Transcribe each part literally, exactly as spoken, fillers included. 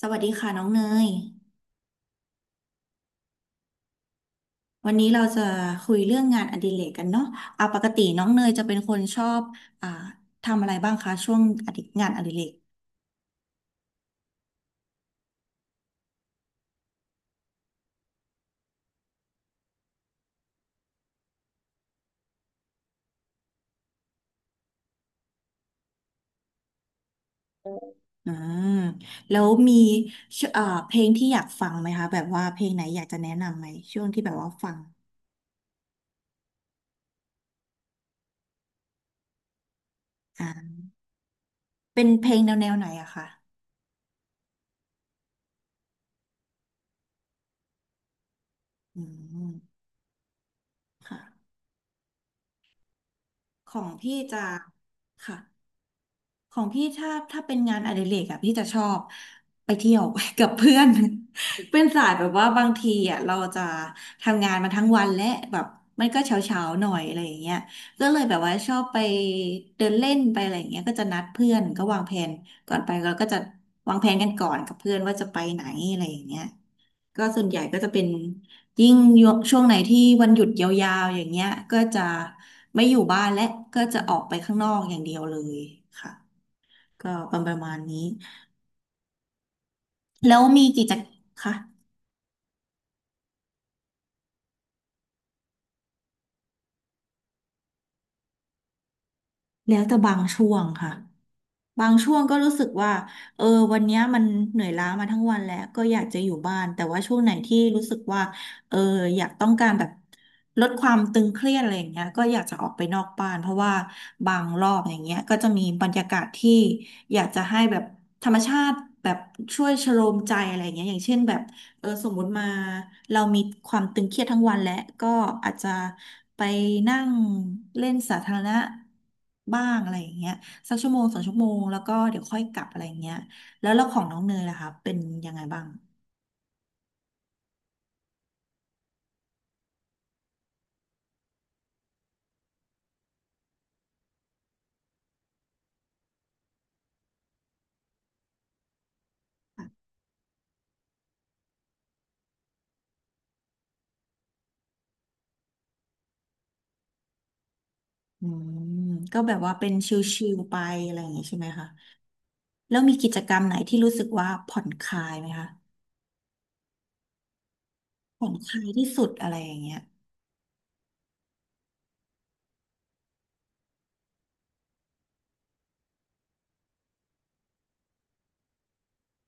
สวัสดีค่ะน้องเนย วันนี้เราจะคุยเรื่องงานอดิเรกกันเนาะเอาปกติน้องเนยจะเป็นคนชอบอ่าทำอะไรบ้างคะช่วงอดิงานอดิเรกอืมแล้วมีชอ่าเพลงที่อยากฟังไหมคะแบบว่าเพลงไหนอยากจะแนะนำไหมช่วงที่แบบว่าฟังอ่าเป็นเพลงแนวแนวไหนอะคะอืมค่ะของพี่จะค่ะ ของพี่ถ้าถ้าเป็นงานอดิเรกอะพี่จะชอบไปเที่ยว กับเพื่อน เป็นสายแบบว่าบางทีอะเราจะทำงานมาทั้งวันและแบบมันก็เช้าเช้าหน่อยอะไรอย่างเงี้ยก็เลยแบบว่าชอบไปเดินเล่นไปอะไรอย่างเงี้ยก็จะนัดเพื่อนก็วางแผนก่อนไปเราก็จะวางแผนกันก่อนกับเพื่อนว่าจะไปไหนอะไรอย่างเงี้ยก็ส่วนใหญ่ก็จะเป็นยิ่งช่วงไหนที่วันหยุดยาวๆอย่างเงี้ยก็จะไม่อยู่บ้านและก็จะออกไปข้างนอกอย่างเดียวเลยค่ะ ก็ประมาณนี้แล้วมีกิจกรรมค่ะแล้วแต่บางช่วงค่ะ บางช่วงก็รู้สึกว่า เออวันเนี้ยมันเหนื่อยล้ามาทั้งวันแล้วก็อยากจะอยู่บ้าน แต่ว่าช่วงไหนที่รู้สึกว่า เอออยากต้องการแบบลดความตึงเครียดอะไรอย่างเงี้ยก็อยากจะออกไปนอกบ้านเพราะว่าบางรอบอย่างเงี้ยก็จะมีบรรยากาศที่อยากจะให้แบบธรรมชาติแบบช่วยชโลมใจอะไรอย่างเงี้ยอย่างเช่นแบบเออสมมุติมาเรามีความตึงเครียดทั้งวันและก็อาจจะไปนั่งเล่นสาธารณะบ้างอะไรอย่างเงี้ย สักชั่วโมงสองชั่วโมงแล้วก็เดี๋ยวค่อยกลับอะไรเงี้ยแล้วแล้วของน้องเนยล่ะคะเป็นยังไงบ้างอืมก็แบบว่าเป็นชิลๆไปอะไรอย่างงี้ใช่ไหมคะแล้วมีกิจกรรมไหนที่รู้สึกว่าผ่อนคลายไหมคะผ่อนคลายที่สุดอะไรอย่างเงี้ย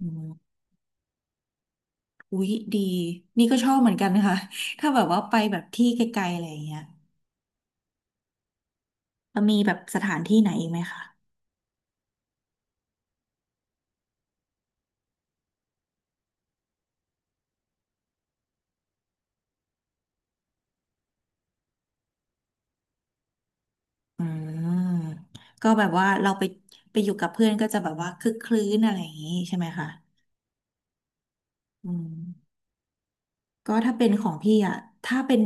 อืมอุ๊ยดีนี่ก็ชอบเหมือนกันนะคะ ถ้าแบบว่าไปแบบที่ไกลๆอะไรอย่างเงี้ยแล้วมีแบบสถานที่ไหนอีกไหมคะอืมก็แบบว่าเราไปไปอยู่กับเพื่อนก็จะแบบว่าคึกคลื้นอะไรอย่างงี้ใช่ไหมคะอืม ก็ถ้าเป็นของพี่อะถ้าเป็น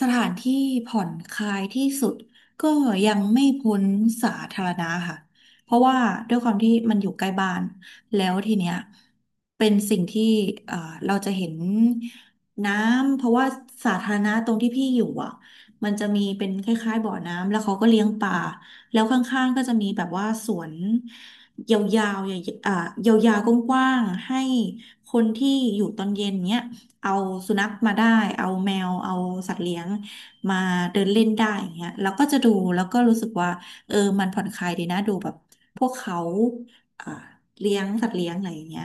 สถานที่ผ่อนคลายที่สุดก็ยังไม่พ้นสาธารณะค่ะ เพราะว่าด้วยความที่มันอยู่ใกล้บ้านแล้วทีเนี้ยเป็นสิ่งที่เอ่อเราจะเห็นน้ำ เพราะว่าสาธารณะตรงที่พี่อยู่อ่ะมันจะมีเป็นคล้ายๆบ่อน้ำ แล้วเขาก็เลี้ยงปลาแล้วข้างๆก็จะมีแบบว่าสวนยาวๆใหญ่ๆอ่ายาวๆกว้างๆให้คนที่อยู่ตอนเย็นเนี้ย เอาสุนัขมาได้เอาแมวเอาสัตว์เลี้ยงมาเดินเล่นได้อย่างเงี้ยเราก็จะดูแล้วก็รู้สึกว่าเออมันผ่อนคลายดีนะดูแบบพวกเขาอ่าเลี้ยงสัตว์เลี้ยงอะไรอย่างเงี้ย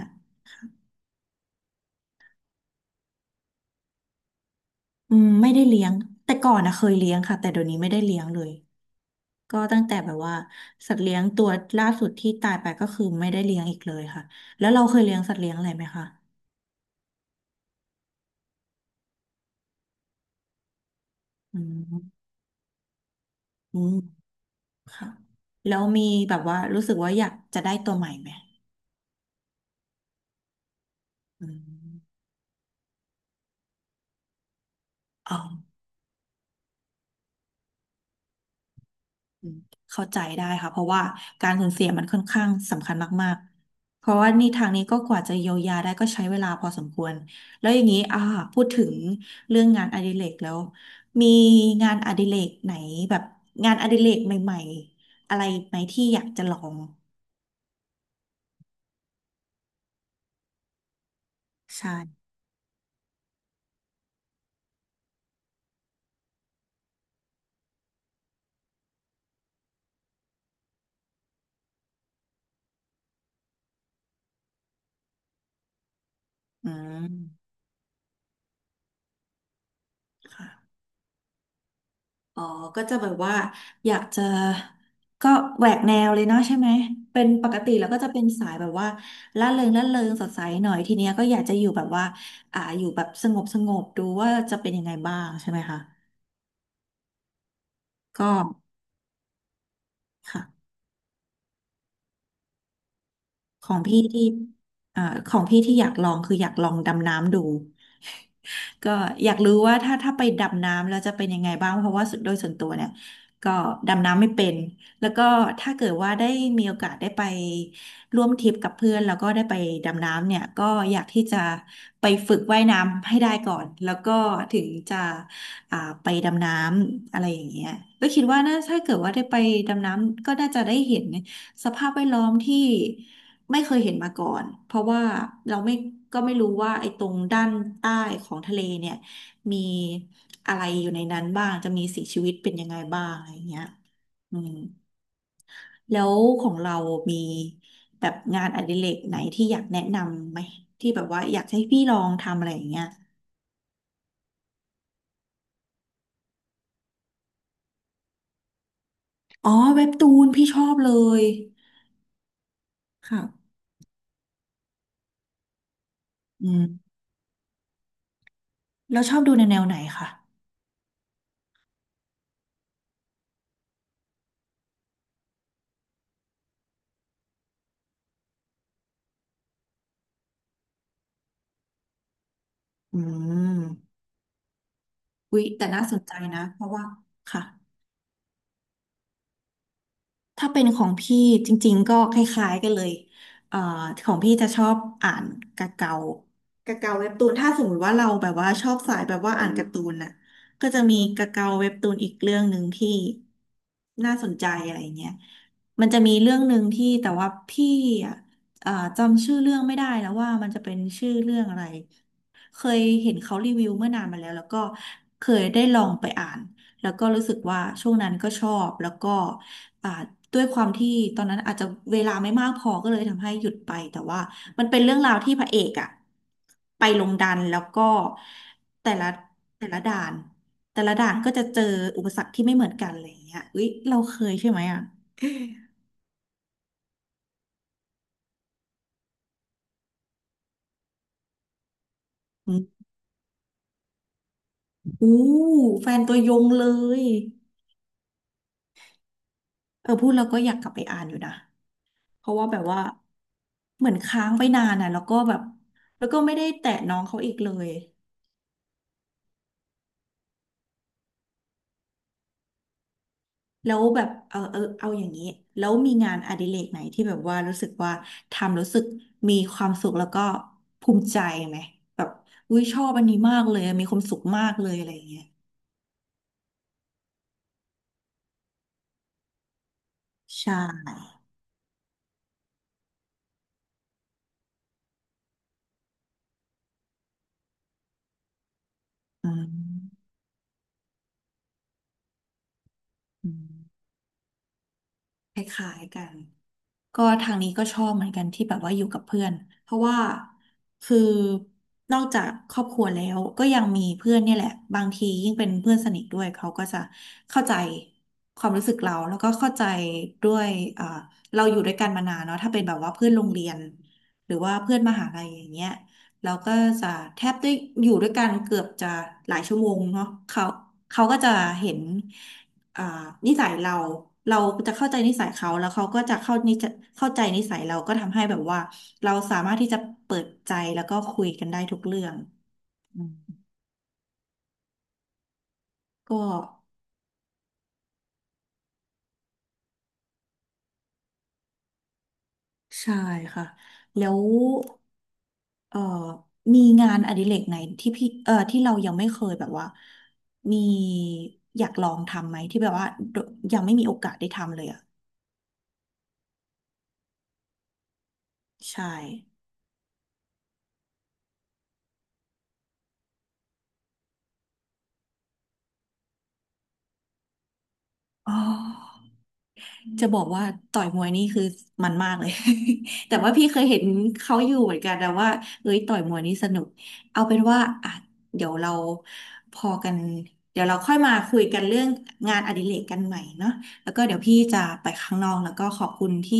อืมไม่ได้เลี้ยงแต่ก่อนนะเคยเลี้ยงค่ะแต่เดี๋ยวนี้ไม่ได้เลี้ยงเลยก็ตั้งแต่แบบว่าสัตว์เลี้ยงตัวล่าสุดที่ตายไปก็คือไม่ได้เลี้ยงอีกเลยค่ะแล้วเราเคยเลี้ยงสัตว์เลี้ยงอะไรไหมคะอืมอืมค่ะแล้วมีแบบว่ารู้สึกว่าอยากจะได้ตัวใหม่ไหมอืมอ๋อ อืมเข้าใจได้ค่ะเพราะว่าการสูญเสียมันค่อนข้างสำคัญมากๆเพราะว่านี่ทางนี้ก็กว่าจะเยียวยาได้ก็ใช้เวลาพอสมควรแล้วอย่างนี้อ่าพูดถึงเรื่องงานอดิเรกแล้วมีงานอดิเรกไหนแบบงานอดิเรกใหม่ๆอะไรไหมที่อยากจะลองใช่อืมค่ะ อ๋อ ก็จะแบบว่าอยากจะก็แหวกแนวเลยเนาะใช่ไหม เป็นปกติแล้วก็จะเป็นสายแบบว่าล่าเริงล่าเริงสดใสหน่อยทีเนี้ยก็อยากจะอยู่แบบว่าอ่าอยู่แบบสงบสงบดูว่าจะเป็นยังไงบ้างใช่ไหมคะก็ค่ะของพี่ที่อ่าของพี่ที่อยากลองคืออยากลองดำน้ำดู ก็อยากรู้ว่าถ้าถ้าไปดำน้ำแล้วจะเป็นยังไงบ้างเพราะว่าสุดโดยส่วนตัวเนี่ยก็ดำน้ำไม่เป็นแล้วก็ถ้าเกิดว่าได้มีโอกาสได้ไปร่วมทริปกับเพื่อนแล้วก็ได้ไปดำน้ำเนี่ยก็อยากที่จะไปฝึกว่ายน้ำให้ได้ก่อนแล้วก็ถึงจะอ่าไปดำน้ำอะไรอย่างเงี้ยก็คิดว่าน่าถ้าเกิดว่าได้ไปดำน้ำก็น่าจะได้เห็น สภาพแวดล้อมที่ไม่เคยเห็นมาก่อน เพราะว่าเราไม่ก็ไม่รู้ว่าไอ้ตรงด้านใต้ของทะเลเนี่ยมีอะไรอยู่ในนั้นบ้างจะมีสิ่งชีวิตเป็นยังไงบ้างอะไรอย่างเงี้ยอืมแล้วของเรามีแบบงานอดิเรกไหนที่อยากแนะนำไหมที่แบบว่าอยากให้พี่ลองทำอะไรอย่างเงี้ยอ๋อเว็บตูนพี่ชอบเลยค่ะอืมแล้วชอบดูในแนวไหนคะอืมอุ๊ยแต่น่าสนใจนะเพราะว่าค่ะ ถ้าเป็นของพี่จริงๆก็คล้ายๆกันเลยเอ่อของพี่จะชอบอ่านกะเกากะเกาเว็บตูนถ้าสมมติว่าเราแบบว่าชอบสายแบบว่าอ่านการ์ตูนน่ะก็จะมีกาเกาเว็บตูนอีกเรื่องหนึ่งที่น่าสนใจอะไรเงี้ยมันจะมีเรื่องหนึ่งที่แต่ว่าพี่อ่ะเอ่อจำชื่อเรื่องไม่ได้แล้วว่ามันจะเป็นชื่อเรื่องอะไรเคยเห็นเขารีวิวเมื่อนานมาแล้วแล้วก็เคยได้ลองไปอ่านแล้วก็รู้สึกว่าช่วงนั้นก็ชอบแล้วก็ อ่าด้วยความที่ตอนนั้นอาจจะเวลาไม่มากพอก็เลยทำให้หยุดไปแต่ว่ามันเป็นเรื่องราวที่พระเอกอะไปลงดันแล้วก็แต่ละแต่ละด่านแต่ละด่านก็จะเจออุปสรรคที่ไม่เหมือนกันอะไรอย่างเงี้ยอุ๊ยเราเคยใช่ไหมอะอืม อู้แฟนตัวยงเลยเออพูดแล้วก็อยากกลับไปอ่านอยู่นะเพราะว่าแบบว่าเหมือนค้างไปนานอ่ะแล้วก็แบบแล้วก็ไม่ได้แตะน้องเขาอีกเลย แล้วแบบเอาเออเอาอย่างนี้แล้วมีงานอดิเรกไหนที่แบบว่ารู้สึกว่าทำรู้สึกมีความสุขแล้วก็ภูมิใจไหมแบบอุ้ยชอบอันนี้มากเลยมีความสุขมากเลยอะไรอย่างเงี้ยใช่อืมอืมคล้ายๆกัน ก็ทางนี้ก็ชอบเหมือนกันที่แบบว่าอยู่กับเพื่อนเพราะว่าคือนอกจากครอบครัวแล้วก็ยังมีเพื่อนเนี่ยแหละบางทียิ่งเป็นเพื่อนสนิทด้วยเขาก็จะเข้าใจความรู้สึกเราแล้วก็เข้าใจด้วยอ่าเราอยู่ด้วยกันมานานเนาะถ้าเป็นแบบว่าเพื่อนโรงเรียนหรือว่าเพื่อนมหาลัยอย่างเงี้ยเราก็จะแทบได้อยู่ด้วยกันเกือบจะหลายชั่วโมงเนาะเขาเขาก็จะเห็น อ่านิสัยเราเราจะเข้าใจนิสัยเขาแล้วเขาก็จะเข้านิจเข้าใจนิสัยเราก็ทำให้แบบว่าเราสามารถที่จะเปิดใจแล้วก็คุยกันได้ทุกเรื่องอืมก็ใช่ค่ะแล้วเอ่อมีงานอดิเรกไหนที่พี่เอ่อที่เรายังไม่เคยแบบว่ามีอยากลองทำไหมที่แบบว่ายังไม่มีโอกาสได้ทำเลยอ่ะใช่อ๋อ จะบอกว่าต่อยมวยนี่คือมันมากเลย แต่ว่าพี่เคยเห็นเขาอยู่เหมือนกันแต่ว่าเอ้ยต่อยมวยนี่สนุกเอาเป็นว่าอ่ะเดี๋ยวเราพอกันเดี๋ยวเราค่อยมาคุยกันเรื่องงานอดิเรกกันใหม่เนาะแล้วก็เดี๋ยวพี่จะไปข้างนอกแล้วก็ขอบคุณที่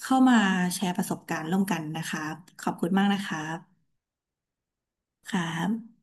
เข้ามาแชร์ประสบการณ์ร่วมกันนะคะขอบคุณมากนะคะครับ